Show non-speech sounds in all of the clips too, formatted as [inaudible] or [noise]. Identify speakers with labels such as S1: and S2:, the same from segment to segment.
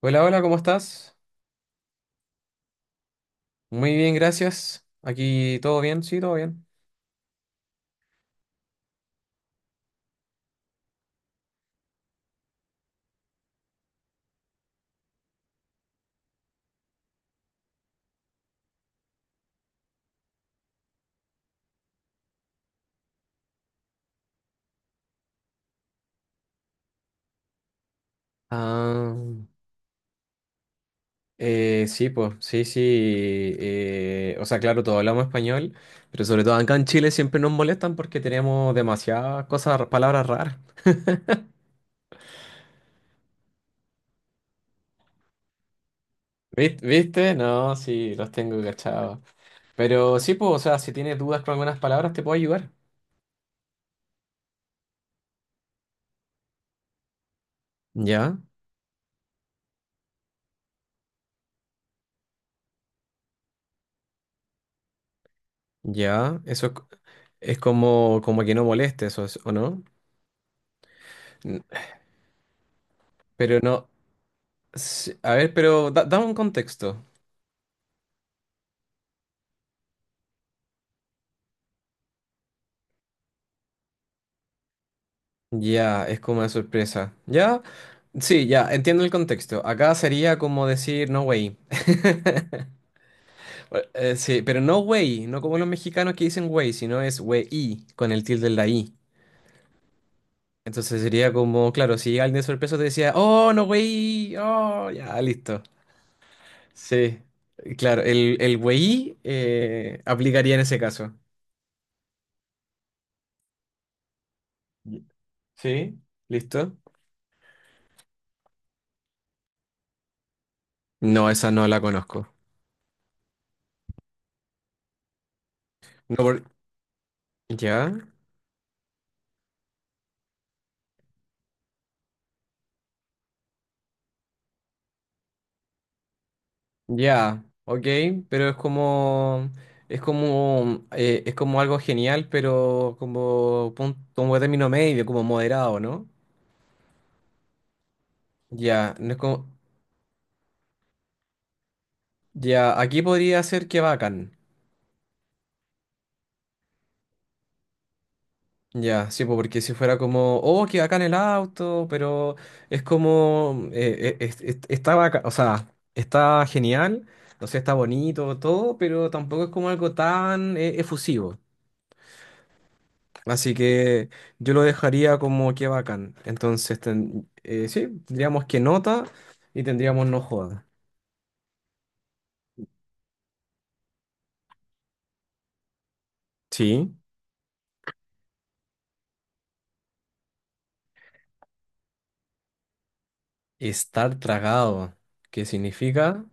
S1: Hola, hola, ¿cómo estás? Muy bien, gracias. Aquí todo bien, sí, todo bien. Ah, sí, pues, sí. O sea, claro, todos hablamos español, pero sobre todo acá en Chile siempre nos molestan porque tenemos demasiadas cosas, palabras raras. ¿Viste? No, sí, los tengo cachados. Pero sí, pues, o sea, si tienes dudas con algunas palabras, te puedo ayudar. Ya, ya, es como, que no moleste, eso es, ¿o no? N- Pero no. Sí, a ver, pero dame un contexto. Ya, es como una sorpresa. Ya, sí, ya, entiendo el contexto. Acá sería como decir no way. [laughs] Bueno, sí, pero no way, no como los mexicanos que dicen way, sino es wey con el tilde en la i. Entonces sería como, claro, si alguien de sorpresa te decía, oh, no way, oh, ya, listo. Sí, claro, el wey aplicaría en ese caso. Y- Sí, listo. No, esa no la conozco. No, por- ¿Ya? Ya, ok, pero es como algo genial, pero como, como término medio, como moderado, ¿no? Ya, no es como, ya, aquí podría ser que bacán, ya, sí, po, porque si fuera como, oh, que bacán el auto, pero es como, está bacán, o sea, está genial, no sé, está bonito, todo, pero tampoco es como algo tan efusivo. Así que yo lo dejaría como que bacán. Entonces, sí, tendríamos que nota y tendríamos no joda. Sí, estar tragado, ¿qué significa?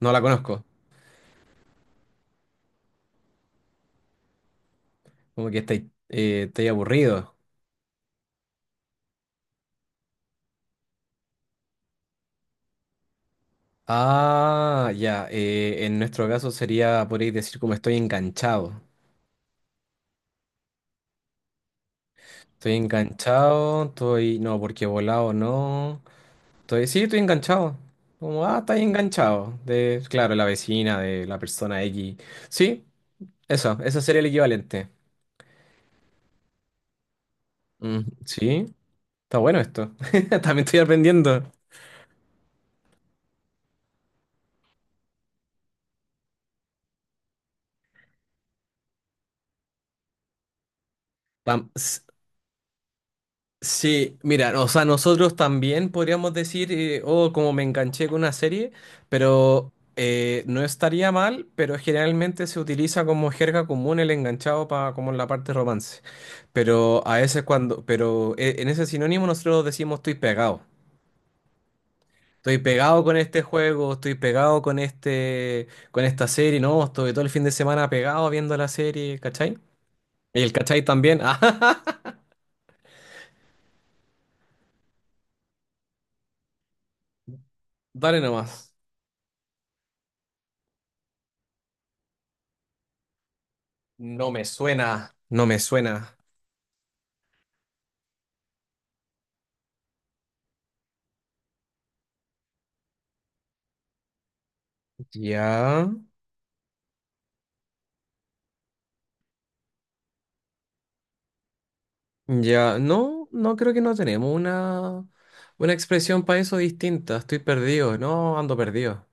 S1: No la conozco. Como que estáis estáis aburrido. Ah, ya, en nuestro caso sería, podríais decir como estoy enganchado. Estoy enganchado, estoy, no, porque volado no. Estoy, sí, estoy enganchado. Como, ah, estáis enganchado. De, claro, la vecina, de la persona X. Sí, eso sería el equivalente. Mm, sí, está bueno esto. [laughs] También estoy aprendiendo. Pam, s- Sí, mira, o sea, nosotros también podríamos decir, oh, como me enganché con una serie, pero no estaría mal, pero generalmente se utiliza como jerga común el enganchado para como en la parte romance. Pero a veces cuando, pero en ese sinónimo nosotros decimos estoy pegado. Estoy pegado con este juego, estoy pegado con este, con esta serie, no, estoy todo el fin de semana pegado viendo la serie, ¿cachai? Y el cachai también. [laughs] Ah, dale nomás. No me suena, no me suena. Ya, ya, no, no creo, que no tenemos una expresión para eso distinta. Estoy perdido, no, ando perdido.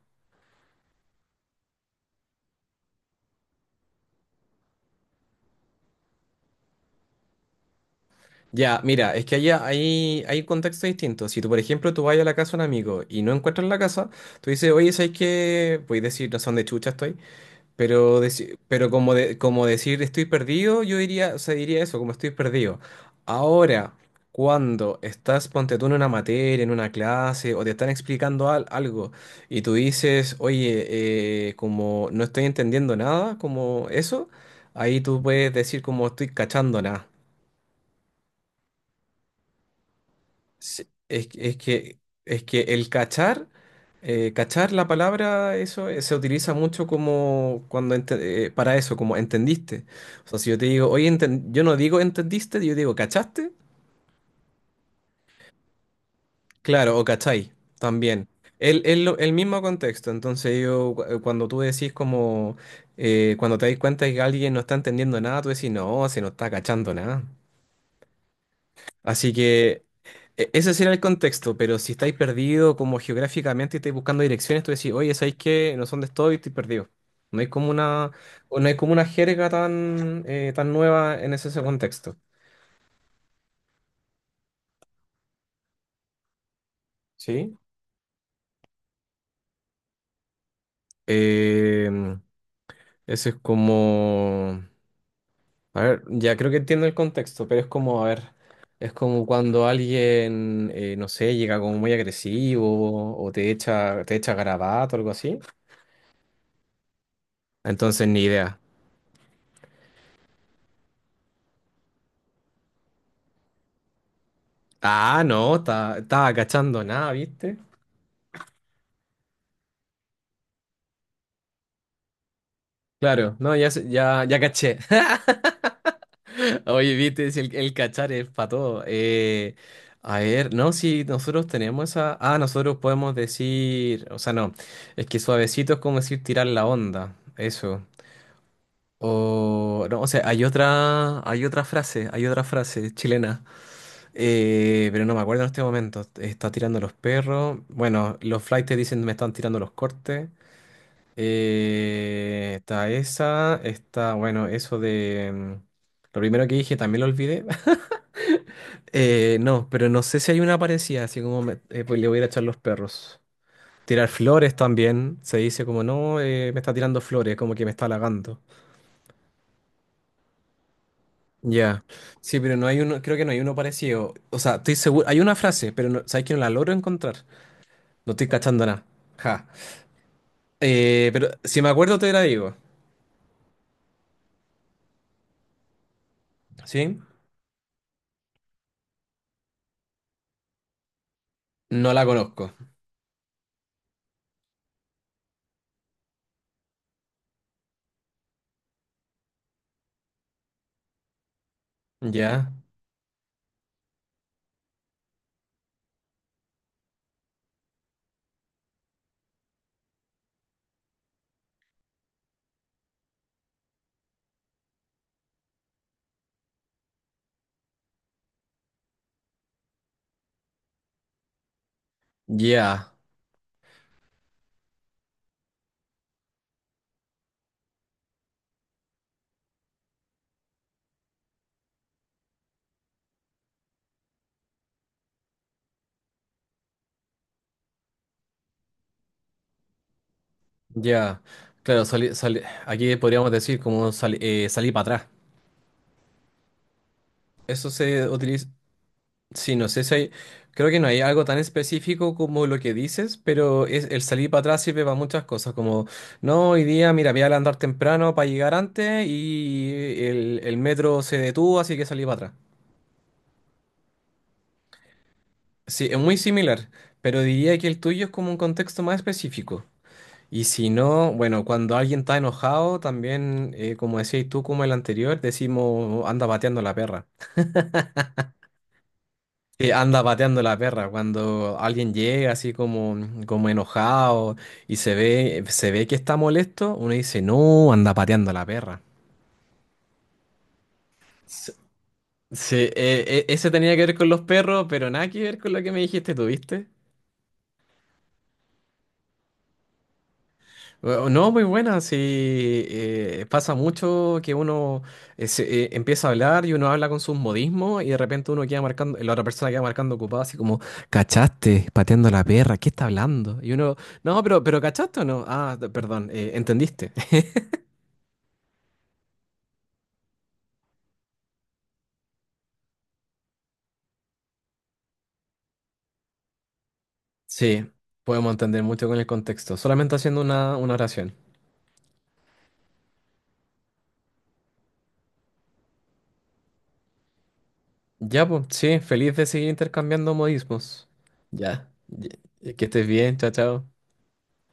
S1: Ya, mira, es que hay, hay contextos distintos. Si tú, por ejemplo, tú vas a la casa de un amigo y no encuentras la casa, tú dices, oye, ¿sabes qué? Puedes decir, no sé dónde chucha estoy. Pero, pero como, como decir estoy perdido, yo diría, o sea, diría eso, como estoy perdido. Ahora, cuando estás, ponte tú en una materia, en una clase, o te están explicando algo, y tú dices, oye, como no estoy entendiendo nada, como eso, ahí tú puedes decir como estoy cachando nada. Sí, es que el cachar, cachar la palabra, eso se utiliza mucho como cuando para eso, como entendiste. O sea, si yo te digo, oye, yo no digo entendiste, yo digo cachaste, claro, o cachai, también. El mismo contexto, entonces cuando tú decís como, cuando te das cuenta que alguien no está entendiendo nada, tú decís, no, si no está cachando nada. Así que ese sería el contexto, pero si estáis perdido como geográficamente y estáis buscando direcciones, tú decís, oye, ¿sabéis qué? No sé dónde estoy, estoy perdido. No hay como una, o no hay como una jerga tan, tan nueva en ese, ese contexto, ¿sí? Eh, Ese es como, a ver, ya creo que entiendo el contexto, pero es como, a ver, es como cuando alguien, no sé, llega como muy agresivo o te echa garabato o algo así. Entonces, ni idea. Ah, no, estaba cachando nada, ¿viste? Claro, no, ya, ya, ya caché. [laughs] Oye, ¿viste? Si el cachar es para todo. A ver, no, si nosotros tenemos esa... Ah, nosotros podemos decir... O sea, no, es que suavecito es como decir tirar la onda, eso. O, no, o sea, hay otra frase chilena, pero no me acuerdo en este momento. Está tirando los perros. Bueno, los flightes dicen me están tirando los cortes. Está esa, está, bueno, eso de... mm, lo primero que dije también lo olvidé. [laughs] No, pero no sé si hay una parecida, así como pues le voy a ir a echar los perros. Tirar flores también, se dice como no, me está tirando flores, como que me está halagando. Ya, sí, pero no hay uno, creo que no hay uno parecido. O sea, estoy seguro, hay una frase, pero no, sabes que no la logro encontrar. No estoy cachando nada. Ja. Pero si me acuerdo te la digo, ¿sí? No la conozco. Ya, ya. Ya, claro, aquí podríamos decir como salir para atrás. Eso se utiliza, sí, no sé si hay, creo que no hay algo tan específico como lo que dices, pero es, el salir para atrás sirve para muchas cosas, como, no, hoy día, mira, voy a andar temprano para llegar antes y el metro se detuvo, así que salí para atrás. Sí, es muy similar, pero diría que el tuyo es como un contexto más específico. Y si no, bueno, cuando alguien está enojado, también, como decías tú, como el anterior, decimos, anda pateando la perra. Sí, anda pateando la perra. Cuando alguien llega así como, mm, como enojado y se ve que está molesto, uno dice, no, anda pateando la perra. S- Sí, eso tenía que ver con los perros, pero nada que ver con lo que me dijiste, ¿tuviste? No, muy buena, sí, pasa mucho que uno empieza a hablar y uno habla con sus modismos y de repente uno queda marcando, la otra persona queda marcando ocupada así como, ¿cachaste? Pateando la perra, ¿qué está hablando? Y uno, no, pero ¿cachaste o no? Ah, perdón, ¿entendiste? [laughs] Sí, podemos entender mucho con el contexto, solamente haciendo una oración. Ya, pues, sí, feliz de seguir intercambiando modismos. Ya, ya, que estés bien, chao, chao.